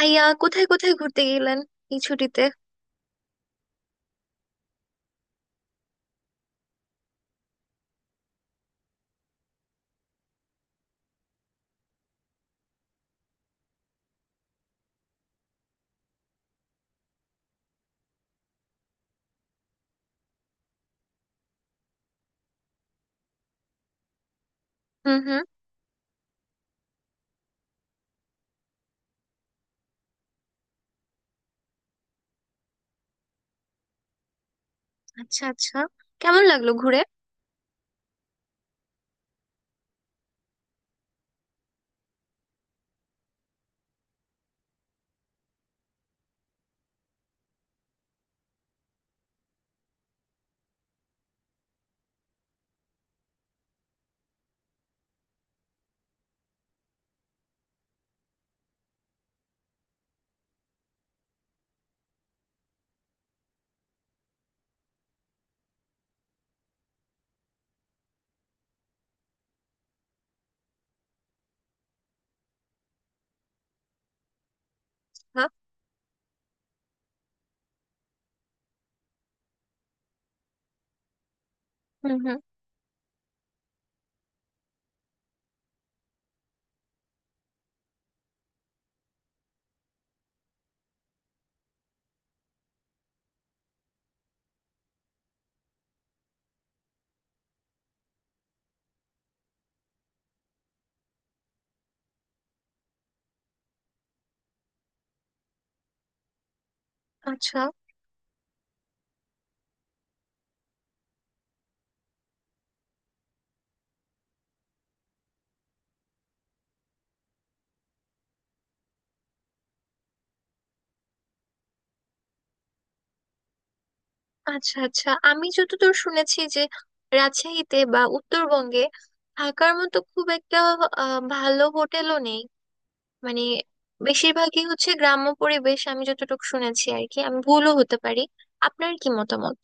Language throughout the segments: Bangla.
আইয়া কোথায় কোথায় ঘুরতে গেলেন এই ছুটিতে? হুম হুম। আচ্ছা, আচ্ছা। কেমন লাগলো ঘুরে? হ্যাঁ। হুম হুম। আচ্ছা, আচ্ছা, আচ্ছা। আমি যতদূর শুনেছি যে রাজশাহীতে বা উত্তরবঙ্গে থাকার মতো খুব একটা ভালো হোটেলও নেই। মানে, বেশিরভাগই হচ্ছে গ্রাম্য পরিবেশ, আমি যতটুকু শুনেছি আর কি। আমি ভুলও হতে পারি। আপনার কি মতামত?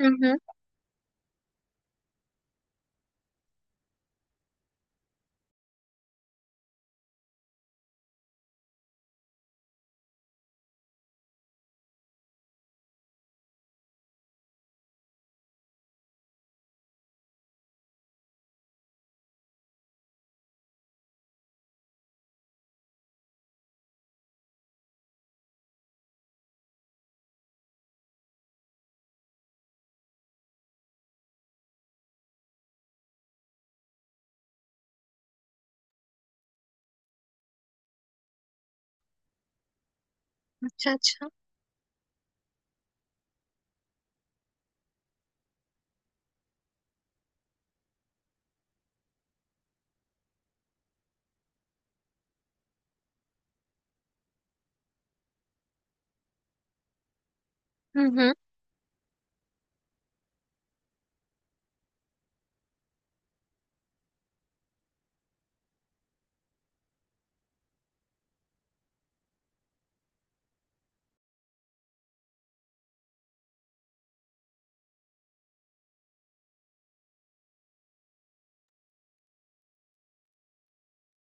হুম হুম। আচ্ছা, আচ্ছা। হুম হুম।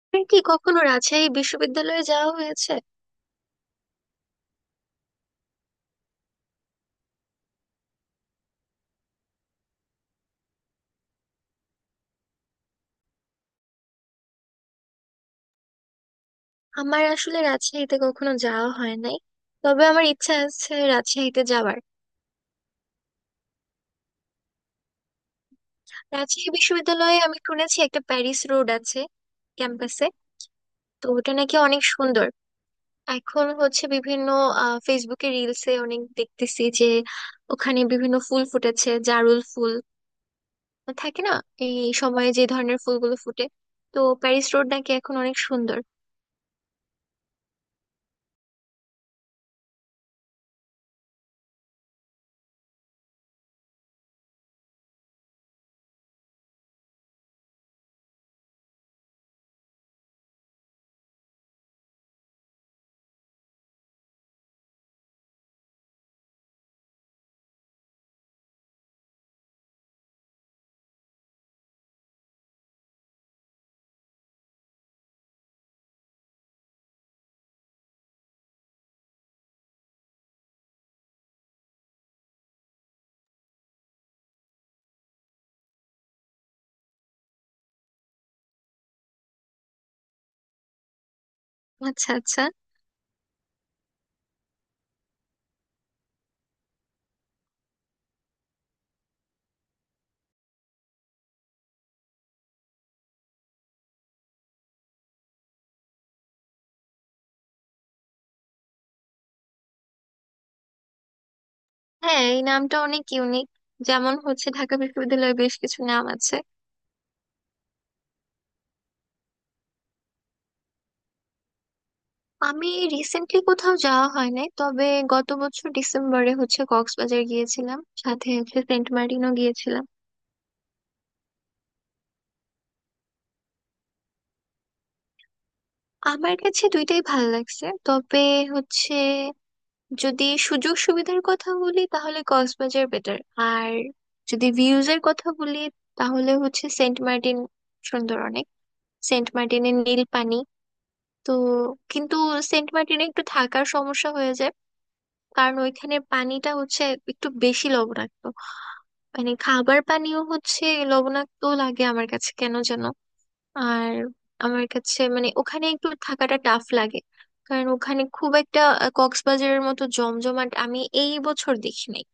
আপনার কি কখনো রাজশাহী বিশ্ববিদ্যালয়ে যাওয়া হয়েছে? আমার আসলে রাজশাহীতে কখনো যাওয়া হয় নাই, তবে আমার ইচ্ছা আছে রাজশাহীতে যাওয়ার। রাজশাহী বিশ্ববিদ্যালয়ে আমি শুনেছি একটা প্যারিস রোড আছে ক্যাম্পাসে। তো ওটা নাকি অনেক সুন্দর। এখন হচ্ছে বিভিন্ন ফেসবুকে রিলসে অনেক দেখতেছি যে ওখানে বিভিন্ন ফুল ফুটেছে। জারুল ফুল থাকে না, এই সময়ে যে ধরনের ফুলগুলো ফুটে? তো প্যারিস রোড নাকি এখন অনেক সুন্দর। আচ্ছা, আচ্ছা। হ্যাঁ, এই নামটা অনেক ইউনিক। যেমন হচ্ছে ঢাকা বিশ্ববিদ্যালয়ে বেশ কিছু নাম আছে। আমি রিসেন্টলি কোথাও যাওয়া হয় নাই, তবে গত বছর ডিসেম্বরে হচ্ছে কক্সবাজার গিয়েছিলাম, সাথে হচ্ছে সেন্ট মার্টিনও গিয়েছিলাম। আমার কাছে দুইটাই ভালো লাগছে, তবে হচ্ছে যদি সুযোগ সুবিধার কথা বলি তাহলে কক্সবাজার বেটার। আর যদি ভিউজ এর কথা বলি তাহলে হচ্ছে সেন্ট মার্টিন সুন্দর অনেক, সেন্ট মার্টিনের নীল পানি, তো। কিন্তু সেন্ট মার্টিনে একটু থাকার সমস্যা হয়ে যায়, কারণ ওইখানে পানিটা হচ্ছে একটু বেশি লবণাক্ত। মানে খাবার পানীয় হচ্ছে লবণাক্ত লাগে আমার কাছে কেন যেন। আর আমার কাছে মানে ওখানে একটু থাকাটা টাফ লাগে, কারণ ওখানে খুব একটা কক্সবাজারের মতো জমজমাট আমি এই বছর দেখি নাই।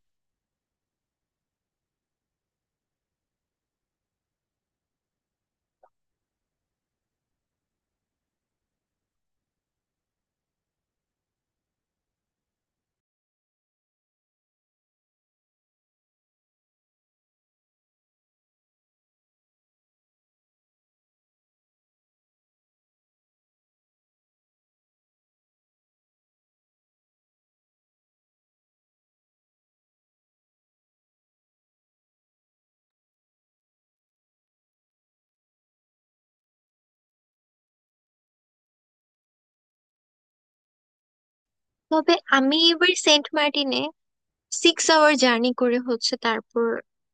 তবে আমি এবার সেন্ট মার্টিনে 6 আওয়ার জার্নি করে হচ্ছে তারপর,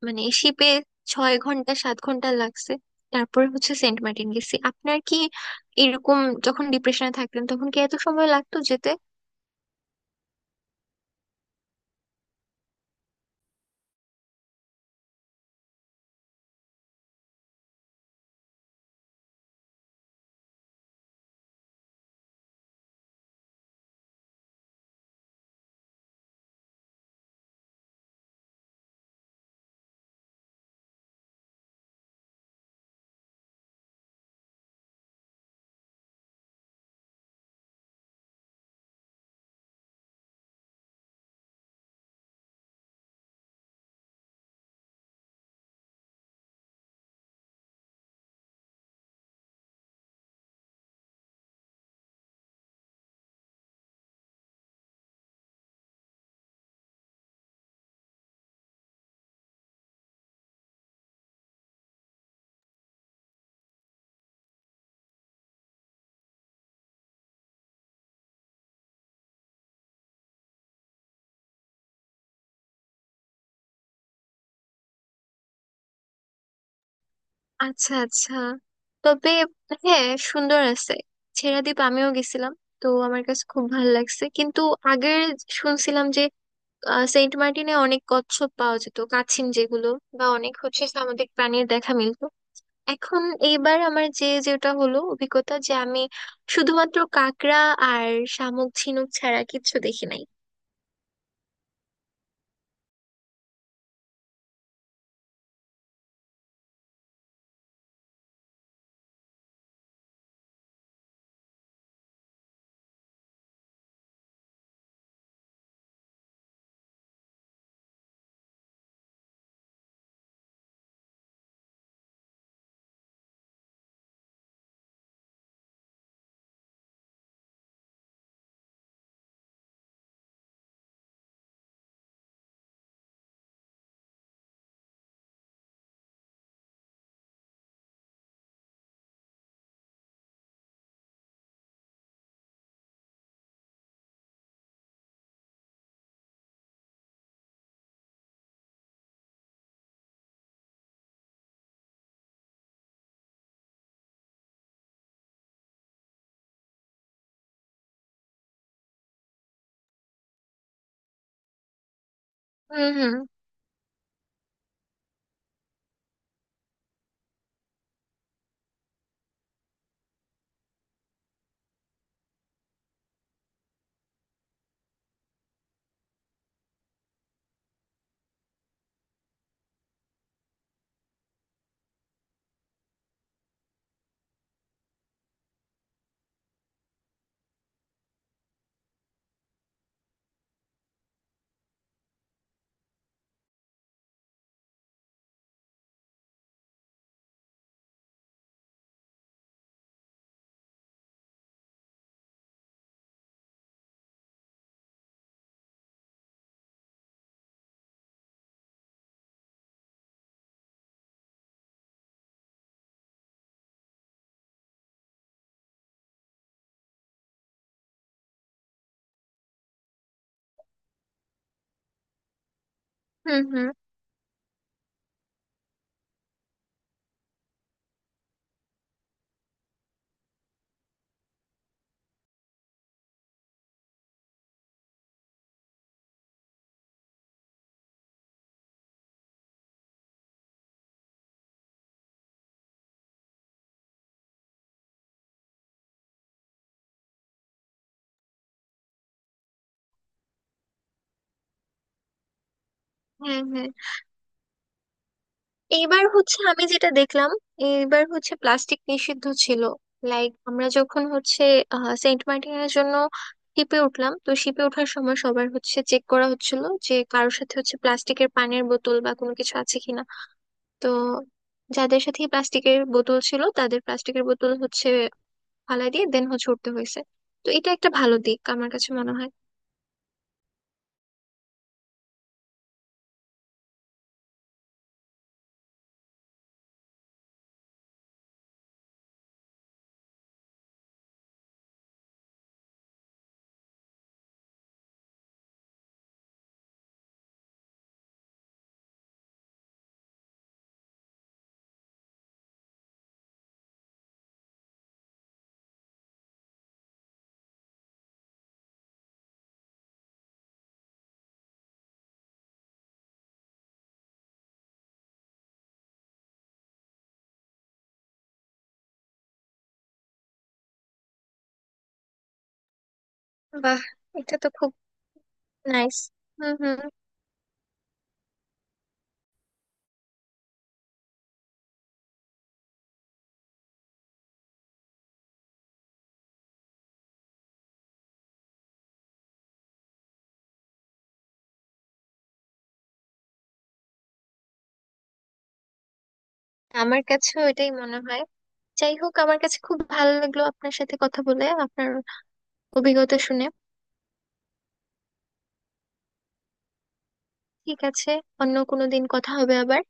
মানে শিপে 6 ঘন্টা 7 ঘন্টা লাগছে, তারপর হচ্ছে সেন্ট মার্টিন গেছি। আপনার কি এরকম, যখন ডিপ্রেশনে থাকতেন তখন কি এত সময় লাগতো যেতে? আচ্ছা, আচ্ছা। তবে হ্যাঁ, সুন্দর আছে, ছেড়া দ্বীপ আমিও গেছিলাম, তো আমার কাছে খুব ভালো লাগছে। কিন্তু আগে শুনছিলাম যে সেন্ট মার্টিনে অনেক কচ্ছপ পাওয়া যেত, কাছিম, যেগুলো বা অনেক হচ্ছে সামুদ্রিক প্রাণীর দেখা মিলতো এখন। এইবার আমার যেটা হলো অভিজ্ঞতা যে আমি শুধুমাত্র কাঁকড়া আর শামুক ঝিনুক ছাড়া কিচ্ছু দেখি নাই। হুম হুম। হুম হুম। হ্যাঁ, হ্যাঁ। এইবার হচ্ছে আমি যেটা দেখলাম, এইবার হচ্ছে প্লাস্টিক নিষিদ্ধ ছিল। লাইক আমরা যখন হচ্ছে সেন্ট মার্টিনের জন্য শিপে উঠলাম, তো শিপে ওঠার সময় সবার হচ্ছে চেক করা হচ্ছিল যে কারোর সাথে হচ্ছে প্লাস্টিকের পানির বোতল বা কোনো কিছু আছে কিনা। তো যাদের সাথে প্লাস্টিকের বোতল ছিল তাদের প্লাস্টিকের বোতল হচ্ছে ফালাই দিয়ে দেন হচ্ছে উঠতে হয়েছে। তো এটা একটা ভালো দিক আমার কাছে মনে হয়। বাহ! এটা তো খুব নাইস। হুম হুম। আমার কাছেও এটাই মনে হয়। যাই হোক, আমার কাছে খুব ভালো লাগলো আপনার সাথে কথা বলে, আপনার অভিজ্ঞতা শুনে। ঠিক আছে, অন্য কোনো দিন কথা হবে আবার।